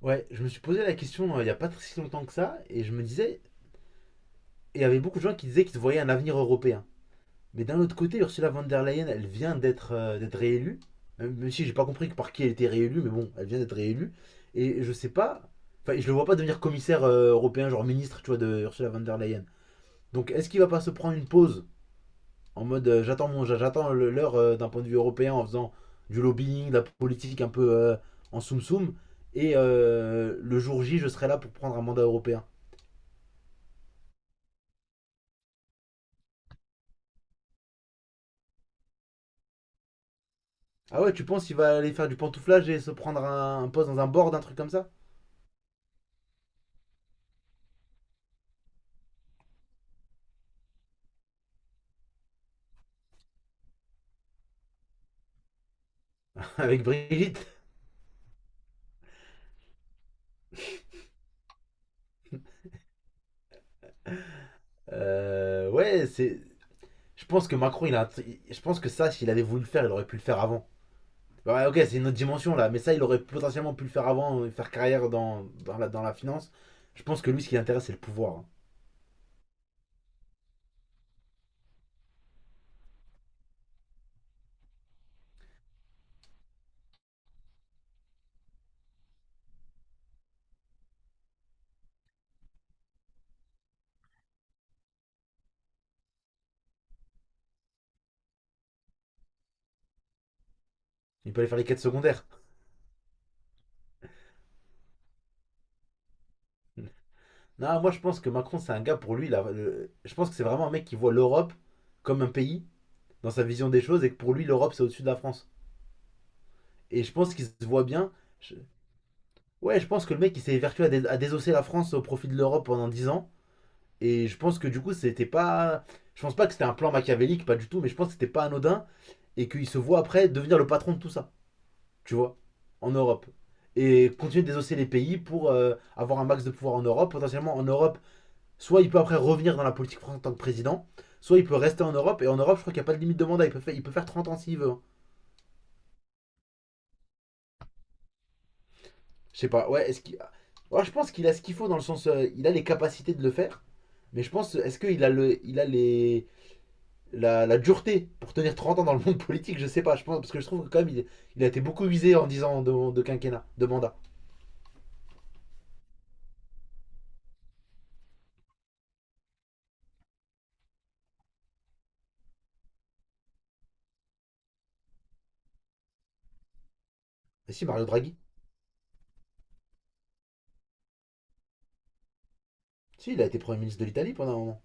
Ouais, je me suis posé la question il n'y a pas très si longtemps que ça, et je me disais, et il y avait beaucoup de gens qui disaient qu'ils voyaient un avenir européen. Mais d'un autre côté, Ursula von der Leyen, elle vient d'être réélue, même si j'ai pas compris que par qui elle était réélue, mais bon, elle vient d'être réélue, et je sais pas, enfin, je le vois pas devenir commissaire européen, genre ministre, tu vois, de Ursula von der Leyen. Donc, est-ce qu'il va pas se prendre une pause en mode j'attends l'heure d'un point de vue européen en faisant du lobbying, de la politique un peu en soum soum, et le jour J, je serai là pour prendre un mandat européen. Ah ouais, tu penses qu'il va aller faire du pantouflage et se prendre un poste dans un board, un truc comme ça. Avec Brigitte. Ouais, c'est. Je pense que Macron, il a. Je pense que ça, s'il avait voulu le faire, il aurait pu le faire avant. Ouais, ok, c'est une autre dimension là, mais ça, il aurait potentiellement pu le faire avant, faire carrière dans la finance. Je pense que lui, ce qui l'intéresse, c'est le pouvoir, hein. Il peut aller faire les quêtes secondaires. Non, moi, je pense que Macron, c'est un gars pour lui. Là, je pense que c'est vraiment un mec qui voit l'Europe comme un pays dans sa vision des choses et que pour lui, l'Europe, c'est au-dessus de la France. Et je pense qu'il se voit bien. Je- Ouais, je pense que le mec il s'est vertu à désosser la France au profit de l'Europe pendant 10 ans. Et je pense que du coup, c'était pas. Je pense pas que c'était un plan machiavélique, pas du tout, mais je pense que c'était pas anodin et qu'il se voit après devenir le patron de tout ça, tu vois, en Europe. Et continuer de désosser les pays pour avoir un max de pouvoir en Europe. Potentiellement en Europe, soit il peut après revenir dans la politique française en tant que président, soit il peut rester en Europe. Et en Europe, je crois qu'il n'y a pas de limite de mandat, il peut faire 30 ans s'il veut, hein. Je sais pas, ouais, est-ce qu'il. Ouais, je pense qu'il a ce qu'il faut dans le sens, il a les capacités de le faire. Mais je pense, est-ce qu'il a, le, il a les, la dureté pour tenir 30 ans dans le monde politique. Je sais pas, je pense, parce que je trouve que quand même, il a été beaucoup visé en 10 ans de quinquennat, de mandat. Mais si, Mario Draghi. Si, il a été Premier ministre de l'Italie pendant un moment.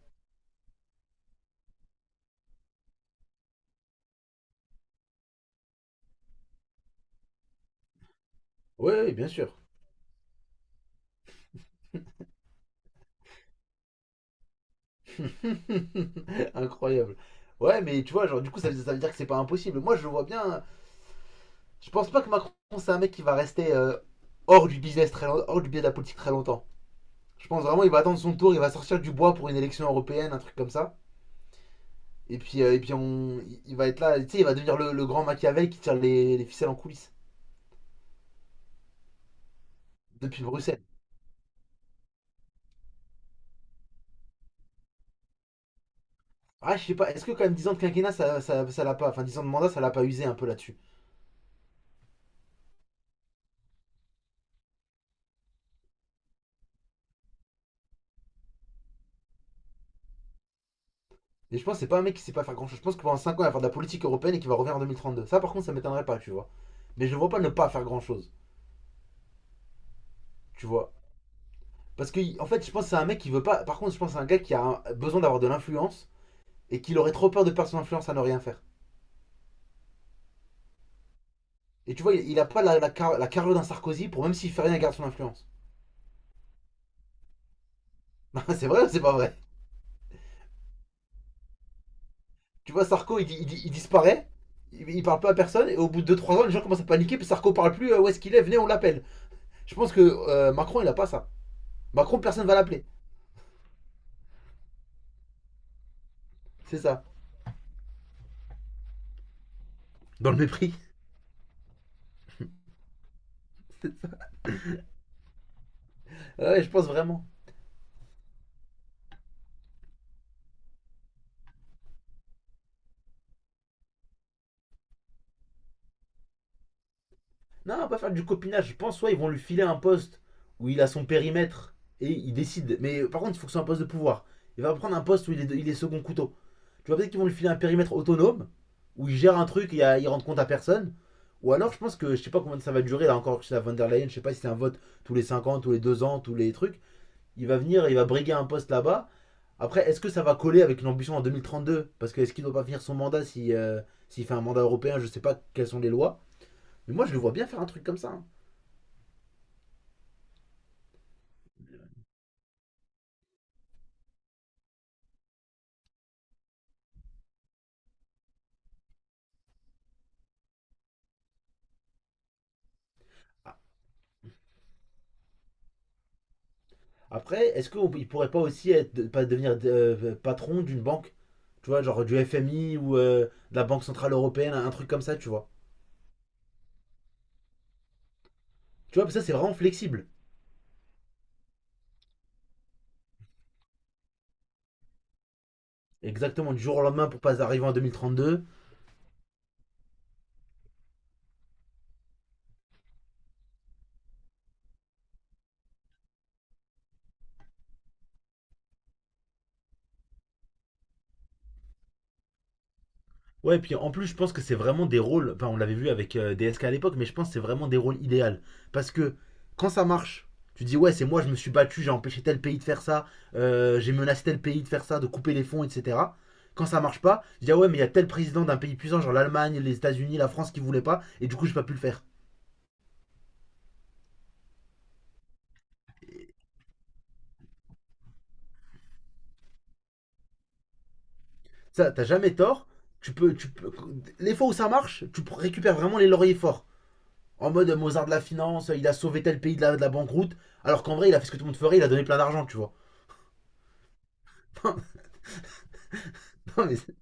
Ouais, ouais, bien sûr. Incroyable. Ouais, mais tu vois, genre, du coup, ça veut dire que c'est pas impossible. Moi, je vois bien. Je pense pas que Macron, c'est un mec qui va rester hors du business très hors du biais de la politique très longtemps. Je pense vraiment il va attendre son tour, il va sortir du bois pour une élection européenne, un truc comme ça. Et puis, on, il va être là, tu sais, il va devenir le grand Machiavel qui tire les ficelles en coulisses depuis Bruxelles. Ah, je sais pas, est-ce que quand même 10 ans de quinquennat, ça l'a pas, enfin 10 ans de mandat, ça l'a pas usé un peu là-dessus. Et je pense que c'est pas un mec qui sait pas faire grand-chose. Je pense que pendant 5 ans, il va faire de la politique européenne et qu'il va revenir en 2032. Ça, par contre, ça m'étonnerait pas, tu vois. Mais je le vois pas ne pas faire grand-chose, tu vois. Parce que, en fait, je pense que c'est un mec qui veut pas. Par contre, je pense que c'est un gars qui a besoin d'avoir de l'influence et qu'il aurait trop peur de perdre son influence à ne rien faire. Et tu vois, il a pas la carrure d'un Sarkozy pour même s'il fait rien, il garde son influence. C'est vrai ou c'est pas vrai? Tu vois, Sarko, il disparaît, il parle pas à personne, et au bout de deux trois ans, les gens commencent à paniquer, puis Sarko parle plus, où est-ce qu'il est, venez, on l'appelle. Je pense que Macron, il a pas ça. Macron, personne va l'appeler. C'est ça. Dans le mépris. Ouais, je pense vraiment. Non, on va pas faire du copinage. Je pense, soit ils vont lui filer un poste où il a son périmètre et il décide. Mais par contre, il faut que ce soit un poste de pouvoir. Il va prendre un poste où il est second couteau. Tu vois, peut-être qu'ils vont lui filer un périmètre autonome, où il gère un truc et il rend compte à personne. Ou alors, je pense que je sais pas combien ça va durer, là encore, chez la Van der Leyen, je sais pas si c'est un vote tous les 5 ans, tous les 2 ans, tous les trucs. Il va venir, il va briguer un poste là-bas. Après, est-ce que ça va coller avec l'ambition en 2032? Parce que est-ce qu'il ne doit pas finir son mandat si, s'il fait un mandat européen? Je sais pas quelles sont les lois. Mais moi, je le vois bien faire un truc comme ça, hein. Après, est-ce qu'il pourrait pas aussi être, pas devenir patron d'une banque? Tu vois, genre du FMI ou de la Banque Centrale Européenne, un truc comme ça, tu vois? Tu vois, ça c'est vraiment flexible. Exactement, du jour au lendemain pour pas arriver en 2032. Ouais, et puis en plus, je pense que c'est vraiment des rôles. Enfin, on l'avait vu avec DSK à l'époque, mais je pense que c'est vraiment des rôles idéaux. Parce que quand ça marche, tu dis, ouais, c'est moi, je me suis battu, j'ai empêché tel pays de faire ça, j'ai menacé tel pays de faire ça, de couper les fonds, etc. Quand ça marche pas, tu dis, ah ouais, mais il y a tel président d'un pays puissant, genre l'Allemagne, les États-Unis, la France qui voulait pas, et du coup, j'ai pas pu le faire. Ça, t'as jamais tort. Tu peux- Les fois où ça marche, tu récupères vraiment les lauriers forts. En mode Mozart de la finance, il a sauvé tel pays de la banqueroute, alors qu'en vrai, il a fait ce que tout le monde ferait, il a donné plein d'argent, tu vois. Non, mais c'est-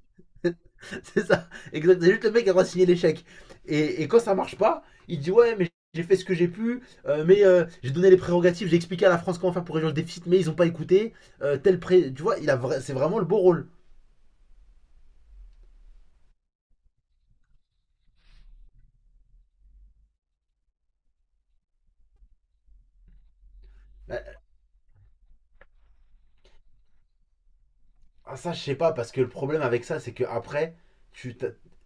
ça, exact. C'est juste le mec qui a le droit de signer l'échec. Et quand ça marche pas, il dit ouais, mais j'ai fait ce que j'ai pu, mais j'ai donné les prérogatives, j'ai expliqué à la France comment faire pour réduire le déficit, mais ils ont pas écouté. Tel pré... Tu vois, c'est vraiment le beau rôle. Euh, Ah, ça, je sais pas, parce que le problème avec ça, c'est que après, tu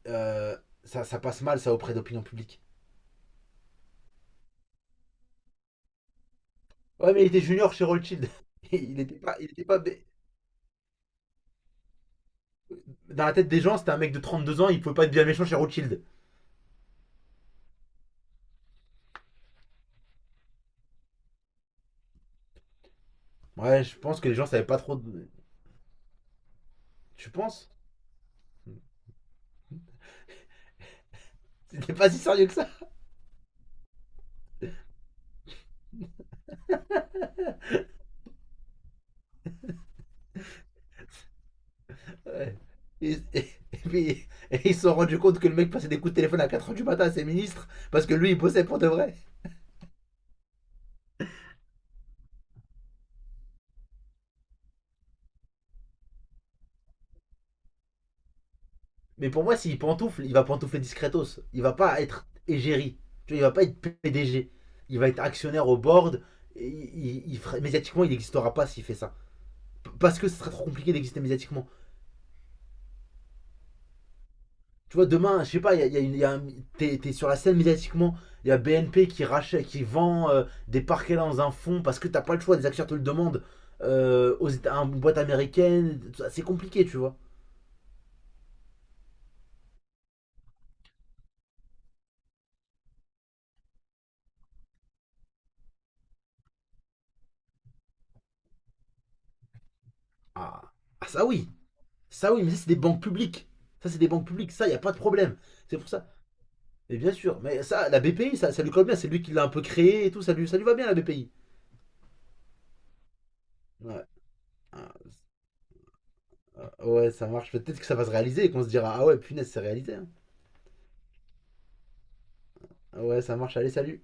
euh, ça passe mal, ça, auprès d'opinion publique. Ouais, mais il était junior chez Rothschild. Il était pas, dans la tête des gens, c'était un mec de 32 ans, il pouvait pas être bien méchant chez Rothschild. Ouais, je pense que les gens savaient pas trop. Tu penses? C'était pas si sérieux que ça. Ouais. Et, et puis, ils se sont rendus compte que le mec passait des coups de téléphone à 4 heures du matin à ses ministres parce que lui, il bossait pour de vrai. Mais pour moi, s'il pantoufle, il va pantoufler discretos. Il va pas être égérie. Tu vois, il va pas être PDG. Il va être actionnaire au board. Et il médiatiquement, il n'existera pas s'il fait ça. Parce que ce serait trop compliqué d'exister médiatiquement. Tu vois, demain, je sais pas, il y a t'es sur la scène médiatiquement, il y a BNP qui rachète, qui vend des parquets dans un fonds parce que t'as pas le choix, des acteurs te le demandent à une boîte américaine, c'est compliqué, tu vois. Ah, ah, ça oui, mais ça c'est des banques publiques. Ça c'est des banques publiques, ça, il n'y a pas de problème. C'est pour ça. Mais bien sûr, mais ça, la BPI, ça lui colle bien, c'est lui qui l'a un peu créé et tout, ça lui va bien la BPI. Ouais, Ah, ouais ça marche, peut-être que ça va se réaliser et qu'on se dira, ah ouais, punaise, c'est réalisé, hein. Ouais, ça marche, allez, salut.